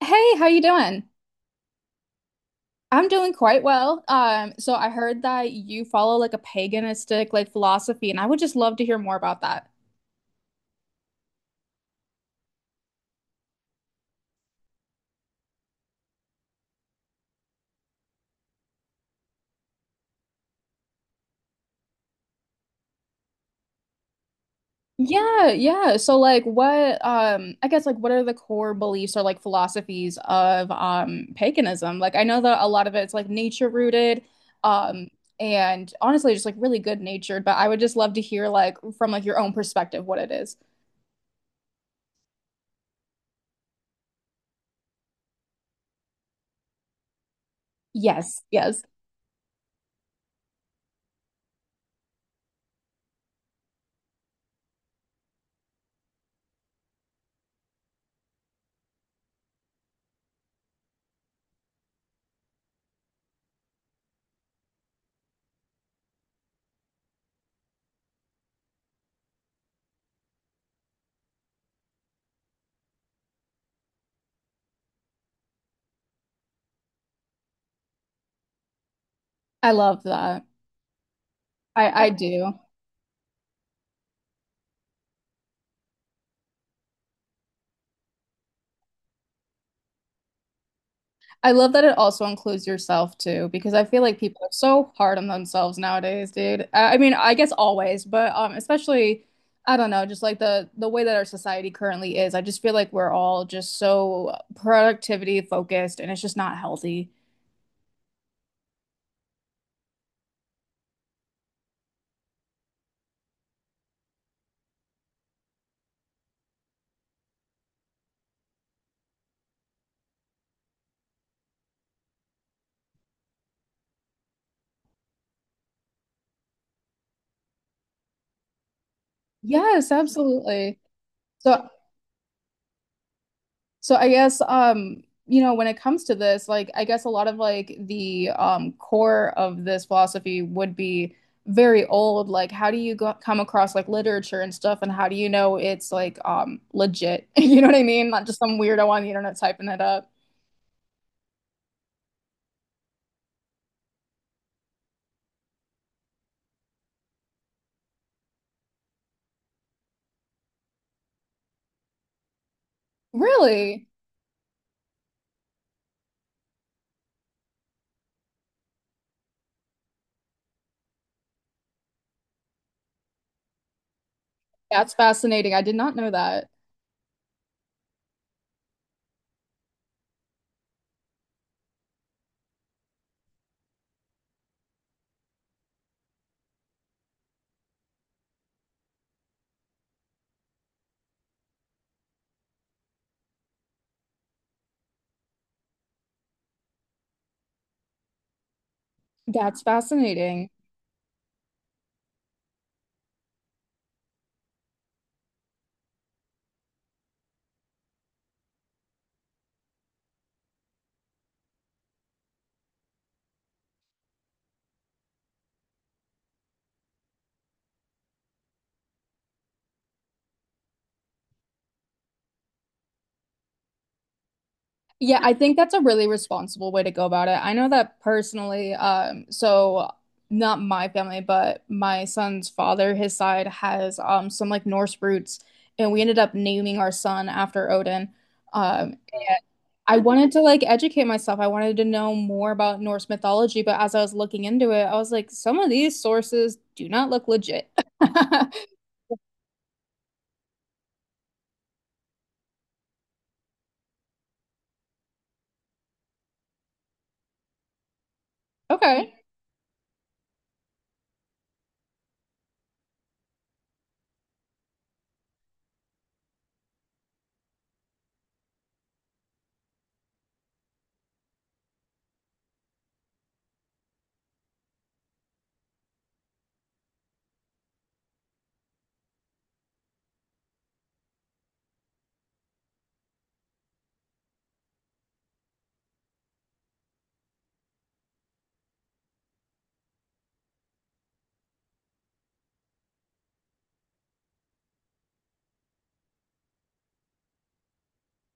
Hey, how you doing? I'm doing quite well. So I heard that you follow like a paganistic like philosophy, and I would just love to hear more about that. Yeah, yeah. So like what I guess like what are the core beliefs or like philosophies of paganism? Like I know that a lot of it's like nature rooted, um, and honestly just like really good natured, but I would just love to hear like from like your own perspective what it is. Yes, yes. I love that. I do. I love that it also includes yourself too, because I feel like people are so hard on themselves nowadays, dude. I mean, I guess always, but especially, I don't know, just like the way that our society currently is. I just feel like we're all just so productivity focused, and it's just not healthy. Yes, absolutely. So So I guess you know, when it comes to this, like I guess a lot of like the core of this philosophy would be very old. Like how do you go come across like literature and stuff and how do you know it's like legit? You know what I mean? Not just some weirdo on the internet typing it up. Really? That's fascinating. I did not know that. That's fascinating. Yeah, I think that's a really responsible way to go about it. I know that personally, so not my family, but my son's father, his side has some like Norse roots, and we ended up naming our son after Odin. And I wanted to like educate myself. I wanted to know more about Norse mythology, but as I was looking into it, I was like, some of these sources do not look legit. Okay.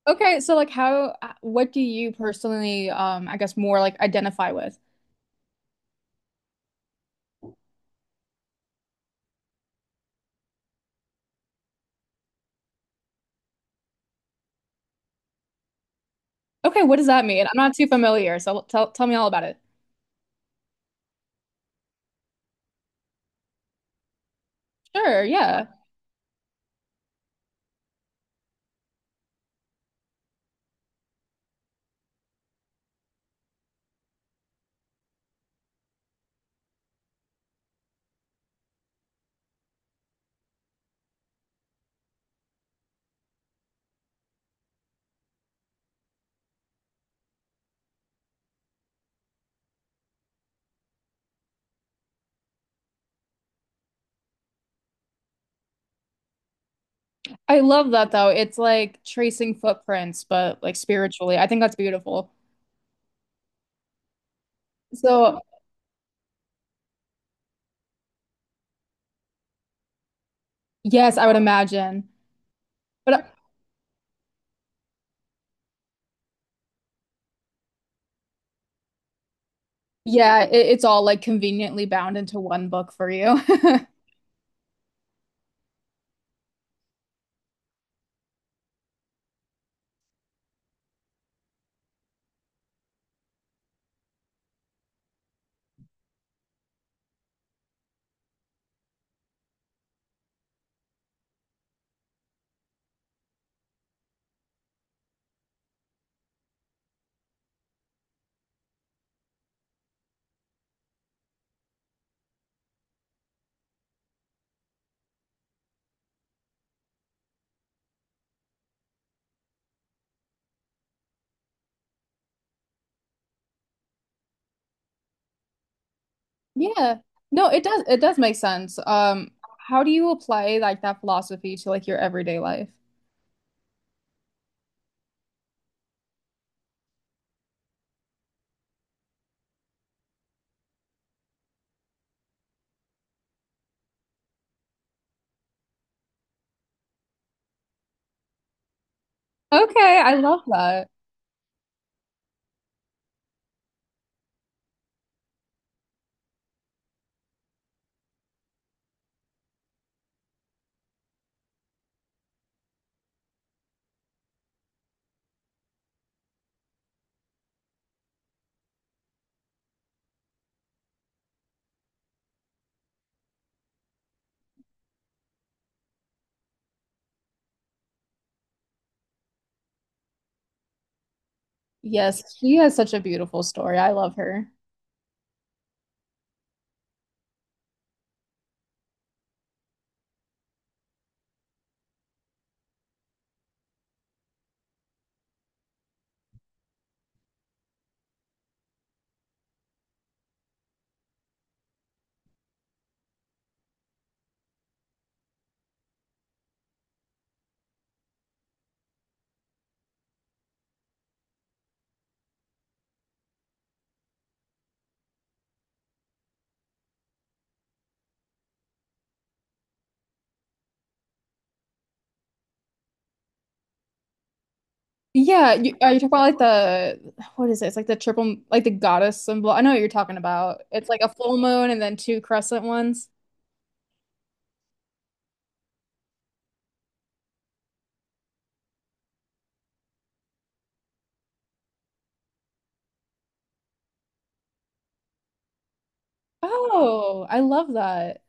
Okay, so like how what do you personally I guess more like identify with? Okay, what does that mean? I'm not too familiar, so tell me all about it. Sure, yeah. I love that though. It's like tracing footprints, but like spiritually. I think that's beautiful. So, yes, I would imagine. But yeah, it's all like conveniently bound into one book for you. Yeah. No, it does make sense. How do you apply like that philosophy to like your everyday life? Okay, I love that. Yes, she has such a beautiful story. I love her. Yeah, you talking about like the what is it? It's like the triple, like the goddess symbol. I know what you're talking about. It's like a full moon and then two crescent ones. Oh, I love that.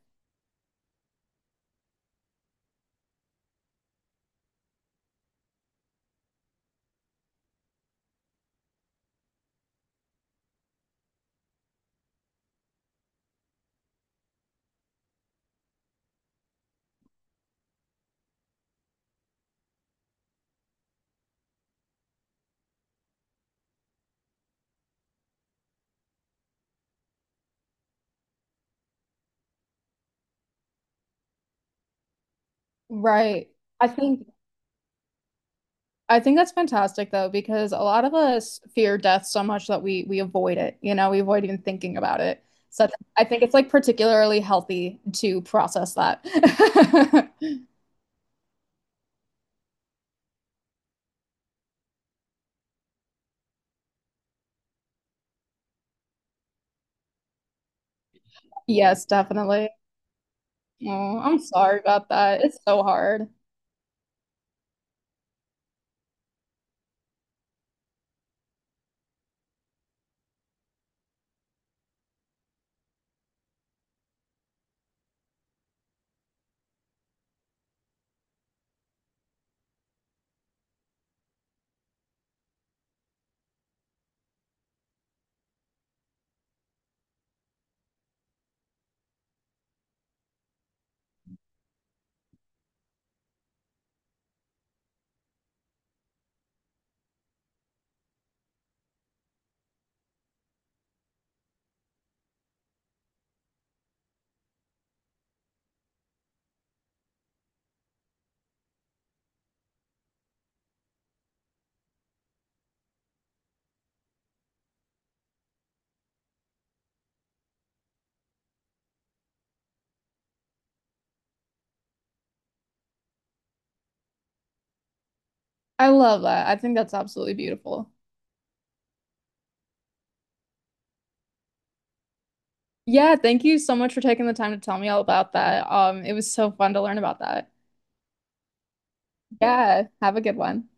Right. I think I think that's fantastic though, because a lot of us fear death so much that we avoid it. You know, we avoid even thinking about it. So I I think it's like particularly healthy to process that. Yes, definitely. Oh, I'm sorry about that. It's so hard. I love that. I think that's absolutely beautiful. Yeah, thank you so much for taking the time to tell me all about that. It was so fun to learn about that. Yeah, have a good one.